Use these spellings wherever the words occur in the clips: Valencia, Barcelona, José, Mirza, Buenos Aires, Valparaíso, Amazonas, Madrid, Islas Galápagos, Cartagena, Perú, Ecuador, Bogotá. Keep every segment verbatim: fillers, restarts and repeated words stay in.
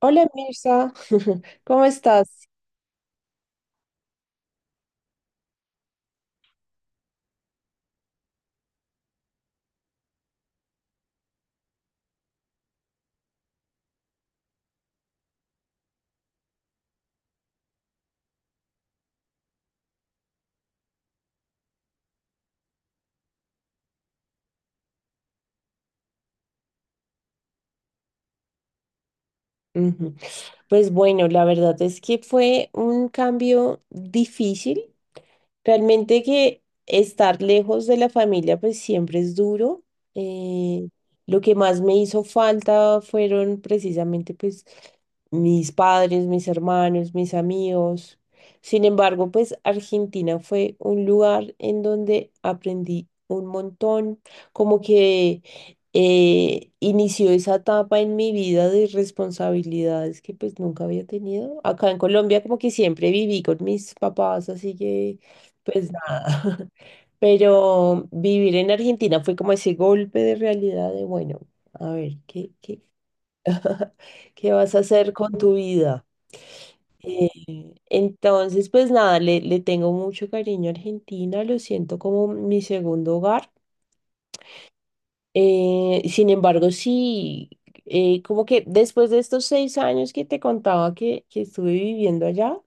Hola Mirza, ¿cómo estás? Ujú. Pues bueno, la verdad es que fue un cambio difícil. Realmente, que estar lejos de la familia pues siempre es duro. Eh, lo que más me hizo falta fueron precisamente pues mis padres, mis hermanos, mis amigos. Sin embargo, pues Argentina fue un lugar en donde aprendí un montón, como que eh, inició esa etapa en mi vida de responsabilidades que pues nunca había tenido. Acá en Colombia como que siempre viví con mis papás, así que pues nada, pero vivir en Argentina fue como ese golpe de realidad de, bueno, a ver, ¿qué, qué, qué vas a hacer con tu vida? Entonces, pues nada, le, le tengo mucho cariño a Argentina, lo siento como mi segundo hogar. Eh, sin embargo, sí, eh, como que después de estos seis años que te contaba que, que estuve viviendo allá,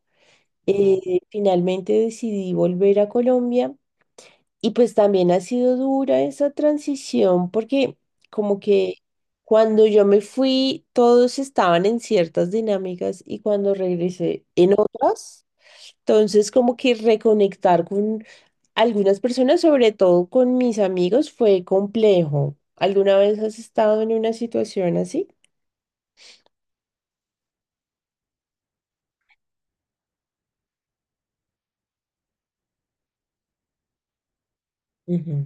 eh, finalmente decidí volver a Colombia. Y pues también ha sido dura esa transición porque, como que, cuando yo me fui todos estaban en ciertas dinámicas y cuando regresé en otras. Entonces como que reconectar con algunas personas, sobre todo con mis amigos, fue complejo. ¿Alguna vez has estado en una situación así? Ujú.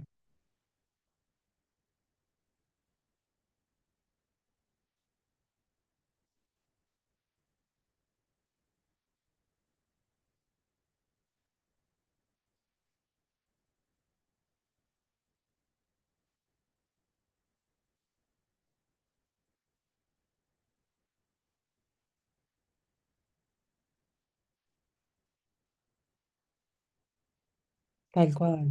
Tal cual.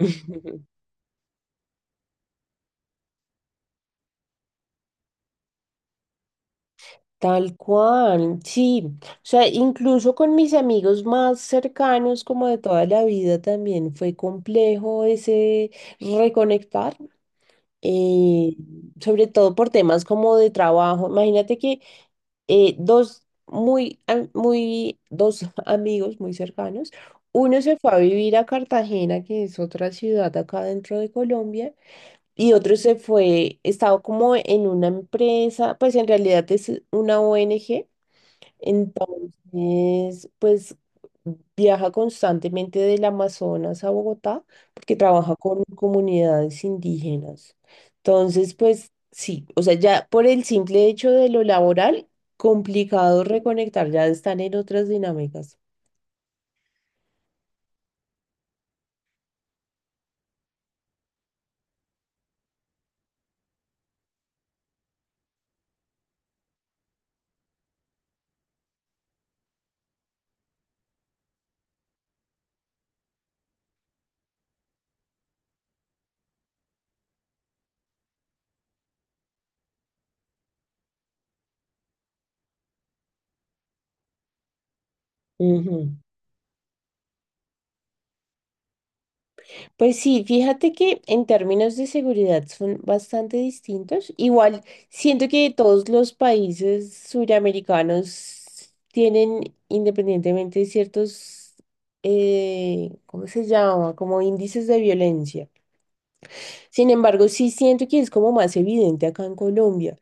Tal cual, sí. O sea, incluso con mis amigos más cercanos, como de toda la vida, también fue complejo ese reconectar, eh, sobre todo por temas como de trabajo. Imagínate que eh, dos muy, am- muy, dos amigos muy cercanos, uno se fue a vivir a Cartagena, que es otra ciudad acá dentro de Colombia. Y otro se fue, estaba como en una empresa, pues en realidad es una O N G, entonces, pues viaja constantemente del Amazonas a Bogotá porque trabaja con comunidades indígenas. Entonces, pues sí, o sea, ya por el simple hecho de lo laboral, complicado reconectar, ya están en otras dinámicas. Ujú. Pues sí, fíjate que en términos de seguridad son bastante distintos. Igual, siento que todos los países suramericanos tienen independientemente ciertos, eh, ¿cómo se llama? Como índices de violencia. Sin embargo, sí siento que es como más evidente acá en Colombia.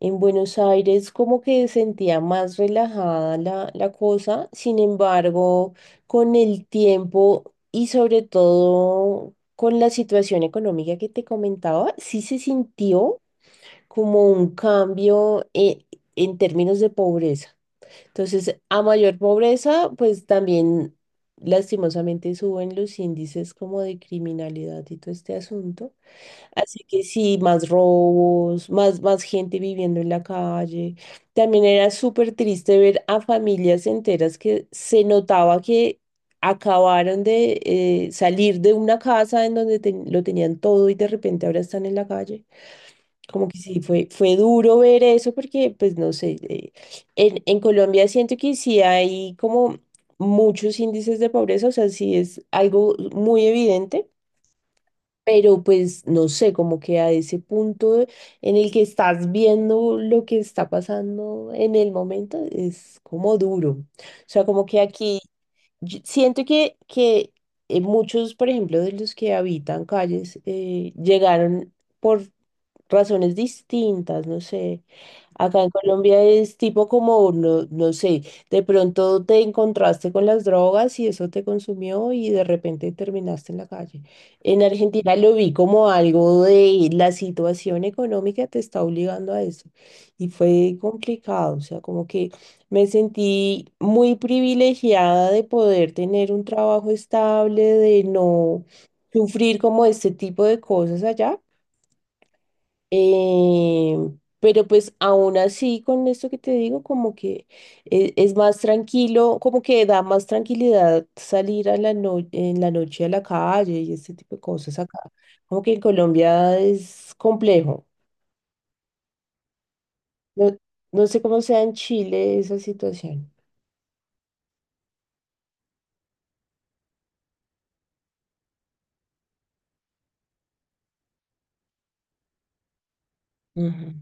En Buenos Aires como que sentía más relajada la, la cosa. Sin embargo, con el tiempo y sobre todo con la situación económica que te comentaba, sí se sintió como un cambio eh, en términos de pobreza. Entonces, a mayor pobreza, pues también lastimosamente suben los índices como de criminalidad y todo este asunto. Así que sí, más robos, más, más gente viviendo en la calle. También era súper triste ver a familias enteras que se notaba que acabaron de eh, salir de una casa en donde ten- lo tenían todo y de repente ahora están en la calle. Como que sí, fue, fue duro ver eso porque, pues no sé, eh, en, en Colombia siento que sí hay como muchos índices de pobreza, o sea, sí es algo muy evidente, pero pues no sé, como que a ese punto en el que estás viendo lo que está pasando en el momento es como duro. O sea, como que aquí yo siento que, que eh, muchos, por ejemplo, de los que habitan calles eh, llegaron por razones distintas, no sé. Acá en Colombia es tipo como, no, no sé, de pronto te encontraste con las drogas y eso te consumió y de repente terminaste en la calle. En Argentina lo vi como algo de la situación económica te está obligando a eso. Y fue complicado, o sea, como que me sentí muy privilegiada de poder tener un trabajo estable, de no sufrir como este tipo de cosas allá, eh, pero pues aún así, con esto que te digo, como que e- es, más tranquilo, como que da más tranquilidad salir a la no- en la noche a la calle y este tipo de cosas acá. Como que en Colombia es complejo. No, no sé cómo sea en Chile esa situación. Ujú.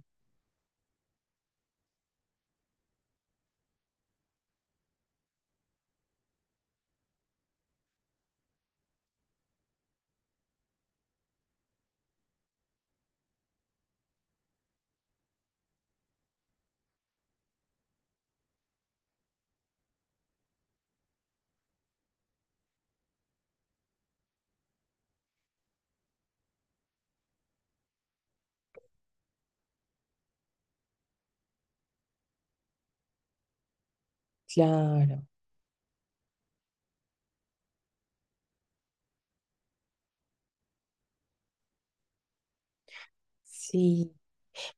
Claro. Sí.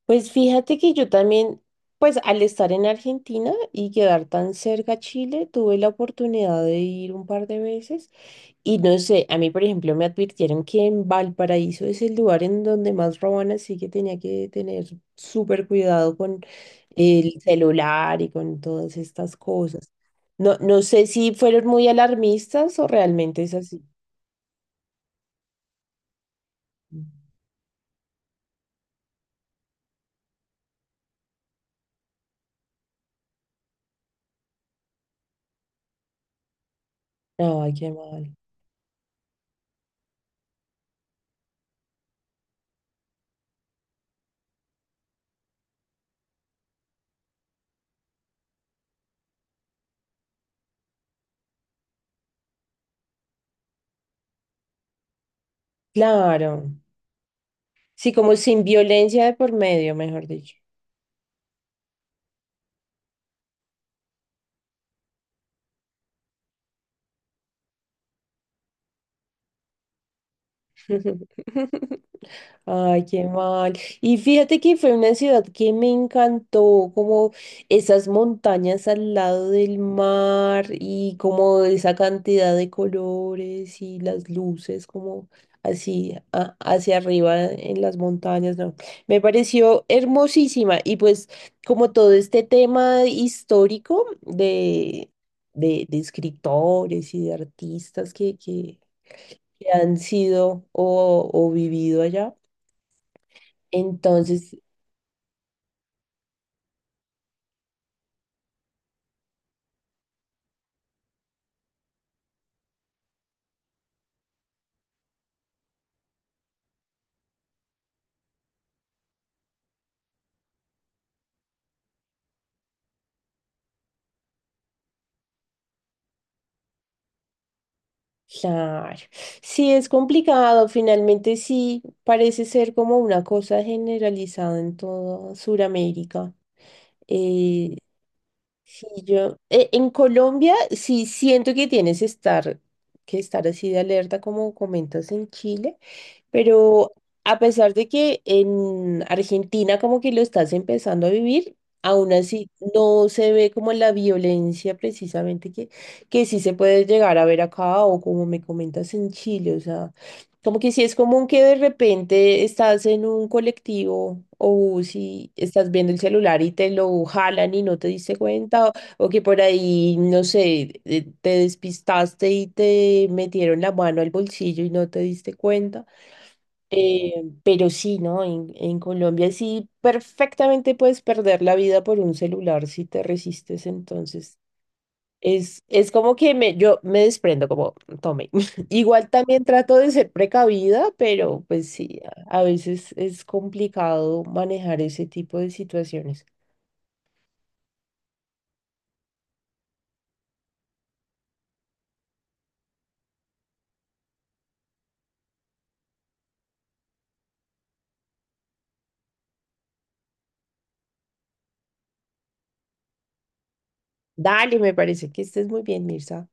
Pues fíjate que yo también, pues al estar en Argentina y quedar tan cerca a Chile, tuve la oportunidad de ir un par de veces, y no sé, a mí por ejemplo me advirtieron que en Valparaíso es el lugar en donde más roban, así que tenía que tener súper cuidado con el celular y con todas estas cosas. No, no sé si fueron muy alarmistas o realmente es así. Ay, qué mal. Claro. Sí, como sin violencia de por medio, mejor dicho. Ay, qué mal. Y fíjate que fue una ciudad que me encantó, como esas montañas al lado del mar y como esa cantidad de colores y las luces como así a- hacia arriba en las montañas, ¿no? Me pareció hermosísima y pues como todo este tema histórico de, de, de escritores y de artistas que, que, que han sido o o vivido allá. Entonces, claro, sí es complicado, finalmente sí parece ser como una cosa generalizada en toda Sudamérica. Eh, sí, yo, eh, en Colombia sí siento que tienes que estar, que estar así de alerta como comentas en Chile. Pero a pesar de que en Argentina como que lo estás empezando a vivir, aún así no se ve como la violencia precisamente que, que sí se puede llegar a ver acá o como me comentas en Chile. O sea, como que sí es común que de repente estás en un colectivo o si estás viendo el celular y te lo jalan y no te diste cuenta, o, o que por ahí, no sé, eh, te despistaste y te metieron la mano al bolsillo y no te diste cuenta. Eh, pero sí, ¿no? En, en Colombia sí perfectamente puedes perder la vida por un celular si te resistes. Entonces, es, es como que me, yo me desprendo, como tome. Igual también trato de ser precavida, pero pues sí, a a veces es complicado manejar ese tipo de situaciones. Dale, me parece, que estés muy bien, Mirza.